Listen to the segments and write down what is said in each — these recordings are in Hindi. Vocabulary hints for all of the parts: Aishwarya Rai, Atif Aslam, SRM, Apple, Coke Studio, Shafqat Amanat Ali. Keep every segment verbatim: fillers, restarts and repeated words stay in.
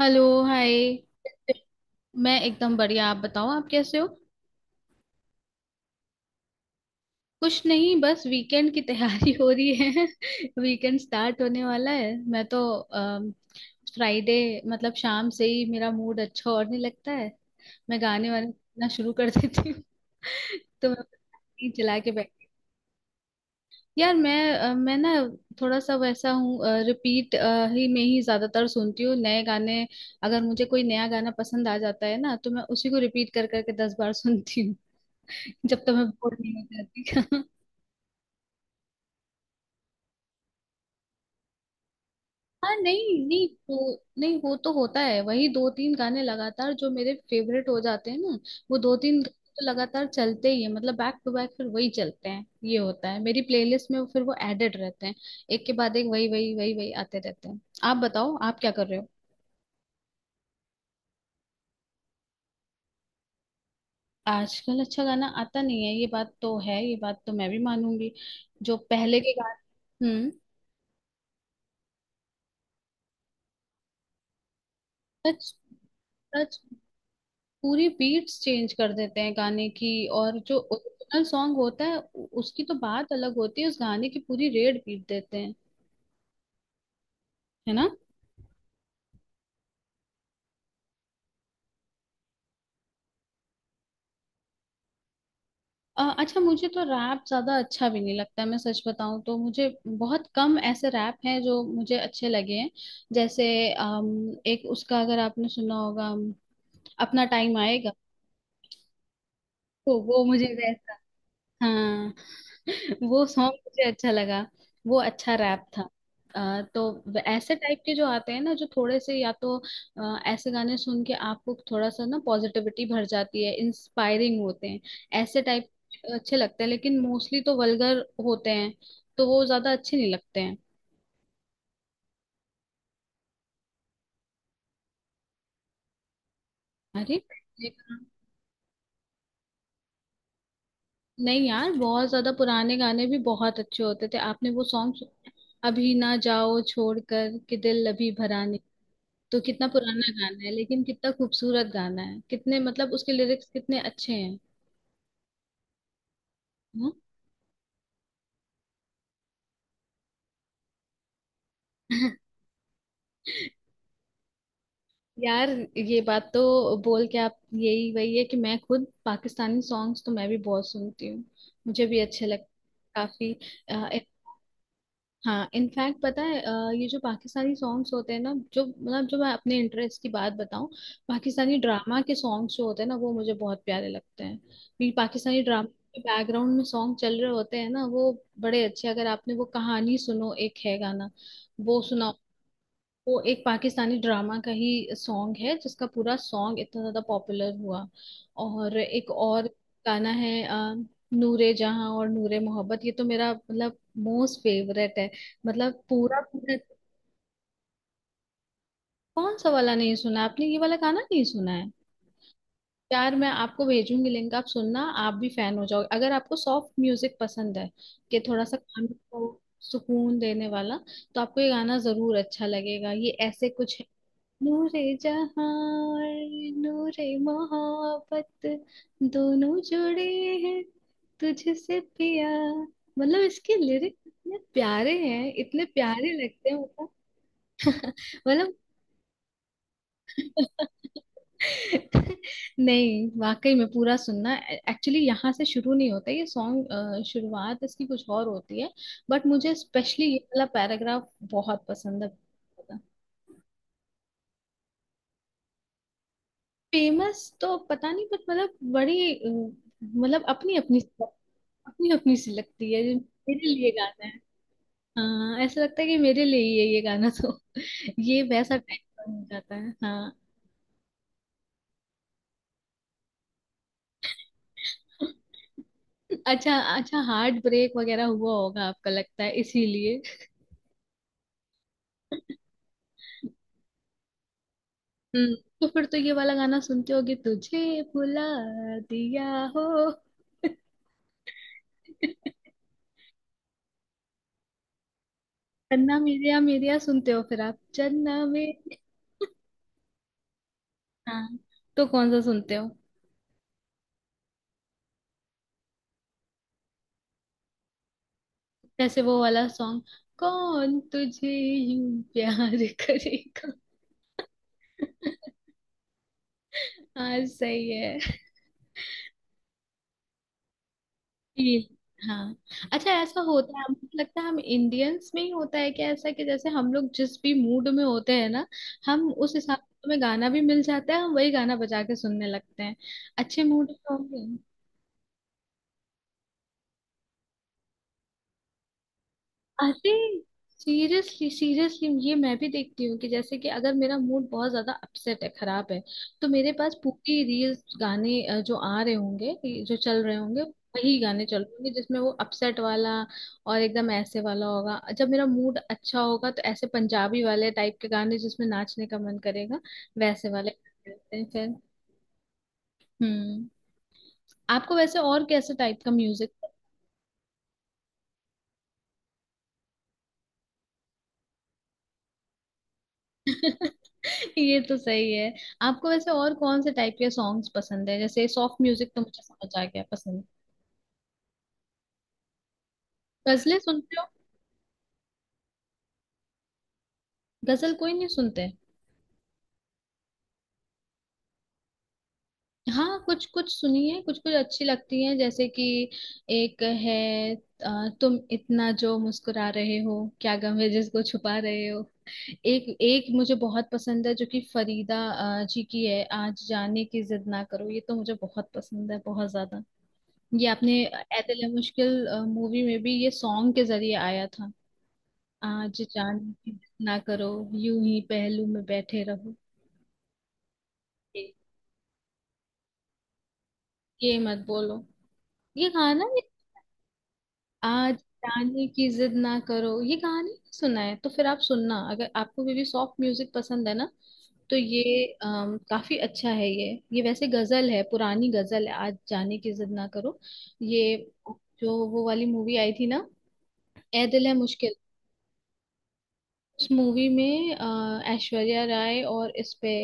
Hello hi. मैं एकदम बढ़िया। आप बताओ, आप कैसे हो। कुछ नहीं, बस वीकेंड की तैयारी हो रही है। वीकेंड स्टार्ट होने वाला है। मैं तो फ्राइडे मतलब शाम से ही मेरा मूड अच्छा होने लगता है। मैं गाने वाने सुनना शुरू कर देती हूँ। तो मैं नहीं चला के बैठ। यार मैं अ, मैं ना थोड़ा सा वैसा हूँ। रिपीट ही में ही ज्यादातर सुनती हूँ नए गाने। अगर मुझे कोई नया गाना पसंद आ जाता है ना, तो मैं उसी को रिपीट कर करके दस बार सुनती हूँ। जब तक मैं बोर नहीं हो जाती। हाँ नहीं नहीं, वो नहीं, वो तो होता है। वही दो तीन गाने लगातार जो मेरे फेवरेट हो जाते हैं ना, वो दो तीन गाने तो लगातार चलते ही है, मतलब बैक टू बैक फिर वही चलते हैं। ये होता है मेरी प्लेलिस्ट में, फिर वो एडेड रहते हैं। एक के बाद एक वही वही वही वही आते रहते हैं। आप बताओ, आप क्या कर रहे हो। आजकल अच्छा गाना आता नहीं है, ये बात तो है। ये बात तो मैं भी मानूंगी। जो पहले के गाने, हम्म। सच। सच। पूरी बीट्स चेंज कर देते हैं गाने की। और जो ओरिजिनल सॉन्ग होता है उ- उसकी तो बात अलग होती है, उस गाने की पूरी रेड पीट देते हैं। है ना। अ, अच्छा, मुझे तो रैप ज्यादा अच्छा भी नहीं लगता है। मैं सच बताऊं तो मुझे बहुत कम ऐसे रैप हैं जो मुझे अच्छे लगे हैं। जैसे अम, एक उसका अगर आपने सुना होगा, अम, अपना टाइम आएगा। तो वो मुझे वैसा, हाँ। वो सॉन्ग मुझे अच्छा लगा। वो अच्छा रैप था। अ, तो व- ऐसे टाइप के जो आते हैं ना जो थोड़े से या तो, अ, ऐसे गाने सुन के आपको थोड़ा सा ना पॉजिटिविटी भर जाती है, इंस्पायरिंग होते हैं। ऐसे टाइप अच्छे लगते हैं, लेकिन मोस्टली तो वल्गर होते हैं, तो वो ज्यादा अच्छे नहीं लगते हैं। अरे ये कहाँ- नहीं यार, बहुत ज्यादा पुराने गाने भी बहुत अच्छे होते थे। आपने वो सॉन्ग सुना है? अभी ना जाओ छोड़कर, कि दिल अभी भरा नहीं। तो कितना पुराना गाना है, लेकिन कितना खूबसूरत गाना है, कितने मतलब उसके लिरिक्स कितने अच्छे हैं। हाँ? यार ये बात तो बोल के आप यही वही है, कि मैं खुद पाकिस्तानी सॉन्ग्स तो मैं भी बहुत सुनती हूँ। मुझे भी अच्छे लगते काफी। हाँ इनफैक्ट पता है, अ, ये जो पाकिस्तानी सॉन्ग्स होते हैं ना, जो मतलब, जो मैं अपने इंटरेस्ट की बात बताऊं, पाकिस्तानी ड्रामा के सॉन्ग्स जो होते हैं ना, वो मुझे बहुत प्यारे लगते हैं क्योंकि पाकिस्तानी ड्रामा के बैकग्राउंड में सॉन्ग चल रहे होते हैं ना, वो बड़े अच्छे। अगर आपने वो कहानी सुनो, एक है गाना, वो सुना। वो एक पाकिस्तानी ड्रामा का ही सॉन्ग है जिसका पूरा सॉन्ग इतना ज्यादा पॉपुलर हुआ। और एक और गाना है, अ, नूरे जहां और नूरे मोहब्बत, ये तो मेरा मतलब मोस्ट फेवरेट है। मतलब पूरा पूरा। कौन सा वाला नहीं सुना आपने, ये वाला गाना नहीं सुना है। यार मैं आपको भेजूंगी लिंक, आप सुनना। आप भी फैन हो जाओगे अगर आपको सॉफ्ट म्यूजिक पसंद है, कि थोड़ा सा कान को सुकून देने वाला। तो आपको ये गाना जरूर अच्छा लगेगा। ये ऐसे कुछ, नूरे जहां और नूरे मोहब्बत दोनों जुड़े हैं, तुझसे पिया। मतलब इसके लिरिक्स इतने प्यारे हैं, इतने प्यारे लगते हैं मतलब। मतलब, नहीं वाकई में पूरा सुनना। एक्चुअली यहाँ से शुरू नहीं होता ये सॉन्ग, शुरुआत इसकी कुछ और होती है। बट मुझे स्पेशली ये वाला पैराग्राफ बहुत पसंद है। फेमस तो पता नहीं, बट मतलब बड़ी अ, मतलब, अपनी अपनी, अपनी अपनी सी लगती है, मेरे लिए गाना है। हाँ ऐसा लगता है कि मेरे लिए ही है ये गाना, तो ये वैसा टाइप हो जाता है। हाँ। अच्छा अच्छा, हार्ट ब्रेक वगैरह हुआ होगा आपका, लगता है इसीलिए। हम्म। तो फिर तो ये वाला गाना सुनते होगे, तुझे भुला दिया हो। चन्ना मेरेया मेरेया सुनते हो फिर आप, चन्ना मेरेया। हाँ। तो कौन सा सुनते हो। जैसे वो वाला सॉन्ग, कौन तुझे यूं प्यार करेगा। हाँ सही है। फील, हाँ। अच्छा ऐसा होता है, मुझे लगता है हम इंडियंस में ही होता है कि ऐसा, कि जैसे हम लोग जिस भी मूड में होते हैं ना, हम उस हिसाब से हमें गाना भी मिल जाता है, हम वही गाना बजा के सुनने लगते हैं। अच्छे मूड में होंगे। अरे सीरियसली सीरियसली, ये मैं भी देखती हूँ कि जैसे कि अगर मेरा मूड बहुत ज्यादा अपसेट है, खराब है, तो मेरे पास पूरी रील्स गाने अ, जो आ रहे होंगे, ये जो चल रहे होंगे, वही गाने चल रहे होंगे जिसमें वो अपसेट वाला। और एकदम ऐसे वाला होगा जब मेरा मूड अच्छा होगा, तो ऐसे पंजाबी वाले टाइप के गाने जिसमें नाचने का मन करेगा, वैसे वाले गाने होते हैं फिर। हम्म। आपको वैसे और कैसे टाइप का म्यूजिक। ये तो सही है। आपको वैसे और कौन से टाइप के सॉन्ग्स पसंद है, जैसे सॉफ्ट म्यूजिक तो मुझे समझ आ गया पसंद। गजलें सुनते हो। गजल कोई नहीं सुनते। हाँ कुछ कुछ सुनी है, कुछ कुछ अच्छी लगती है। जैसे कि एक है, अ, तुम इतना जो मुस्कुरा रहे हो, क्या गम है जिसको छुपा रहे हो। एक एक मुझे बहुत पसंद है, जो कि फरीदा अ, जी की है, आज जाने की जिद ना करो। ये तो मुझे बहुत पसंद है, बहुत ज्यादा। ये आपने, ऐतिल मुश्किल मूवी में भी ये सॉन्ग के जरिए आया था। आज जान ना करो, यूं ही पहलू में बैठे रहो। ये मत बोलो ये गाना, ये आज जाने की जिद ना करो ये गाने ही सुना है। तो फिर आप सुनना। अगर आपको भी, भी सॉफ्ट म्यूजिक पसंद है ना, तो ये अम, काफी अच्छा है ये। ये वैसे गजल है, पुरानी गजल है, आज जाने की जिद ना करो। ये जो वो वाली मूवी आई थी ना, ऐ दिल है मुश्किल, उस मूवी में अ, ऐश्वर्या राय और इस पे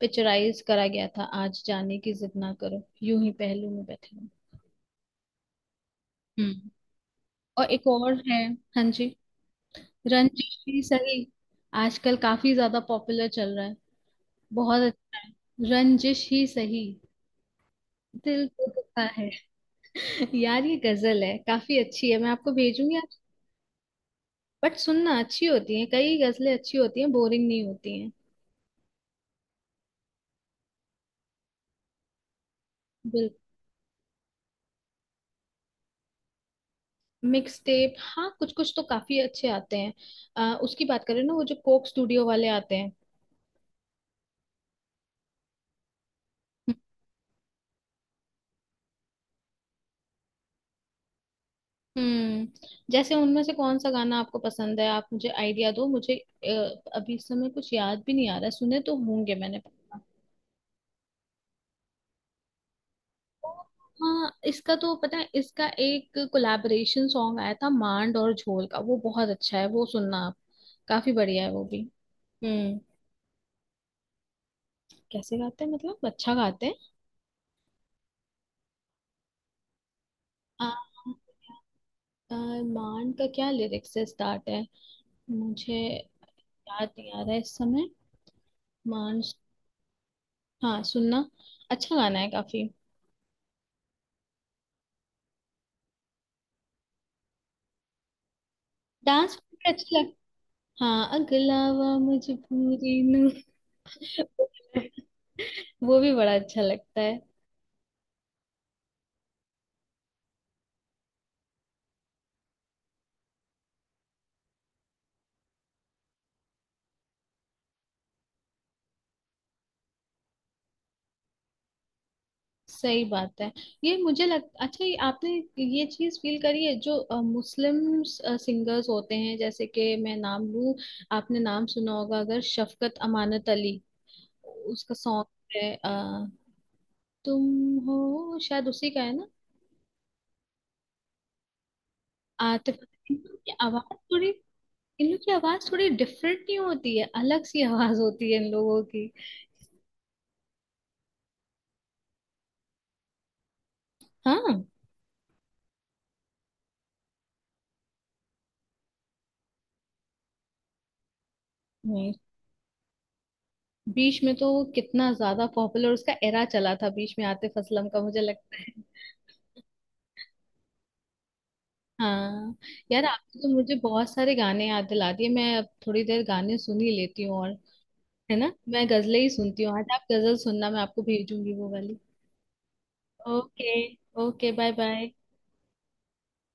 पिक्चराइज करा गया था, आज जाने की जिद ना करो, यूं ही पहलू में बैठे रहो। हम्म। और एक और है। हाँ जी। रंजिश ही सही, आजकल काफी ज्यादा पॉपुलर चल रहा है। बहुत अच्छा है रंजिश ही सही। दिल तो दुखा है। यार ये गजल है, काफी अच्छी है, मैं आपको भेजूंगी, आप बट सुनना अच्छी होती है, कई गजलें अच्छी होती हैं, बोरिंग नहीं होती हैं। मिक्स टेप, हाँ कुछ कुछ तो काफी अच्छे आते हैं। अ, उसकी बात करें ना, वो जो कोक स्टूडियो वाले आते हैं। हम्म। जैसे उनमें से कौन सा गाना आपको पसंद है, आप मुझे आइडिया दो, मुझे अ, अभी इस समय कुछ याद भी नहीं आ रहा, सुने तो होंगे मैंने। हाँ इसका तो पता है, इसका एक कोलैबोरेशन सॉन्ग आया था मांड और झोल का, वो बहुत अच्छा है, वो सुनना आप। काफी बढ़िया है वो भी। हम्म। कैसे गाते हैं मतलब, अच्छा गाते हैं। आ, मान का क्या लिरिक्स से स्टार्ट है, मुझे याद नहीं आ रहा है इस समय, मान। हाँ सुनना, अच्छा गाना है काफी। डांस मुझे अच्छा लग। हाँ अगलावा मजबूरी नू, वो भी बड़ा अच्छा लगता है। सही बात है। ये मुझे लग अच्छा, ये आपने ये चीज फील करी है, जो मुस्लिम सिंगर्स होते हैं जैसे कि मैं नाम लूं, आपने नाम सुना होगा अगर, शफकत अमानत अली। उसका सॉन्ग है तुम हो, शायद उसी का है ना। आतिफ असलम। इन लोग की आवाज थोड़ी, इन लोग की आवाज थोड़ी डिफरेंट नहीं होती है, अलग सी आवाज होती है इन लोगों की। हाँ। नहीं बीच में तो वो कितना ज्यादा पॉपुलर, उसका एरा चला था बीच में आतिफ असलम का, मुझे लगता है। हाँ। यार आपने तो मुझे बहुत सारे गाने याद दिला दिए, मैं अब थोड़ी देर गाने सुन ही लेती हूँ। और है ना, मैं गजलें ही सुनती हूँ आज। आप गजल सुनना, मैं आपको भेजूंगी वो वाली। ओके। Okay, bye bye.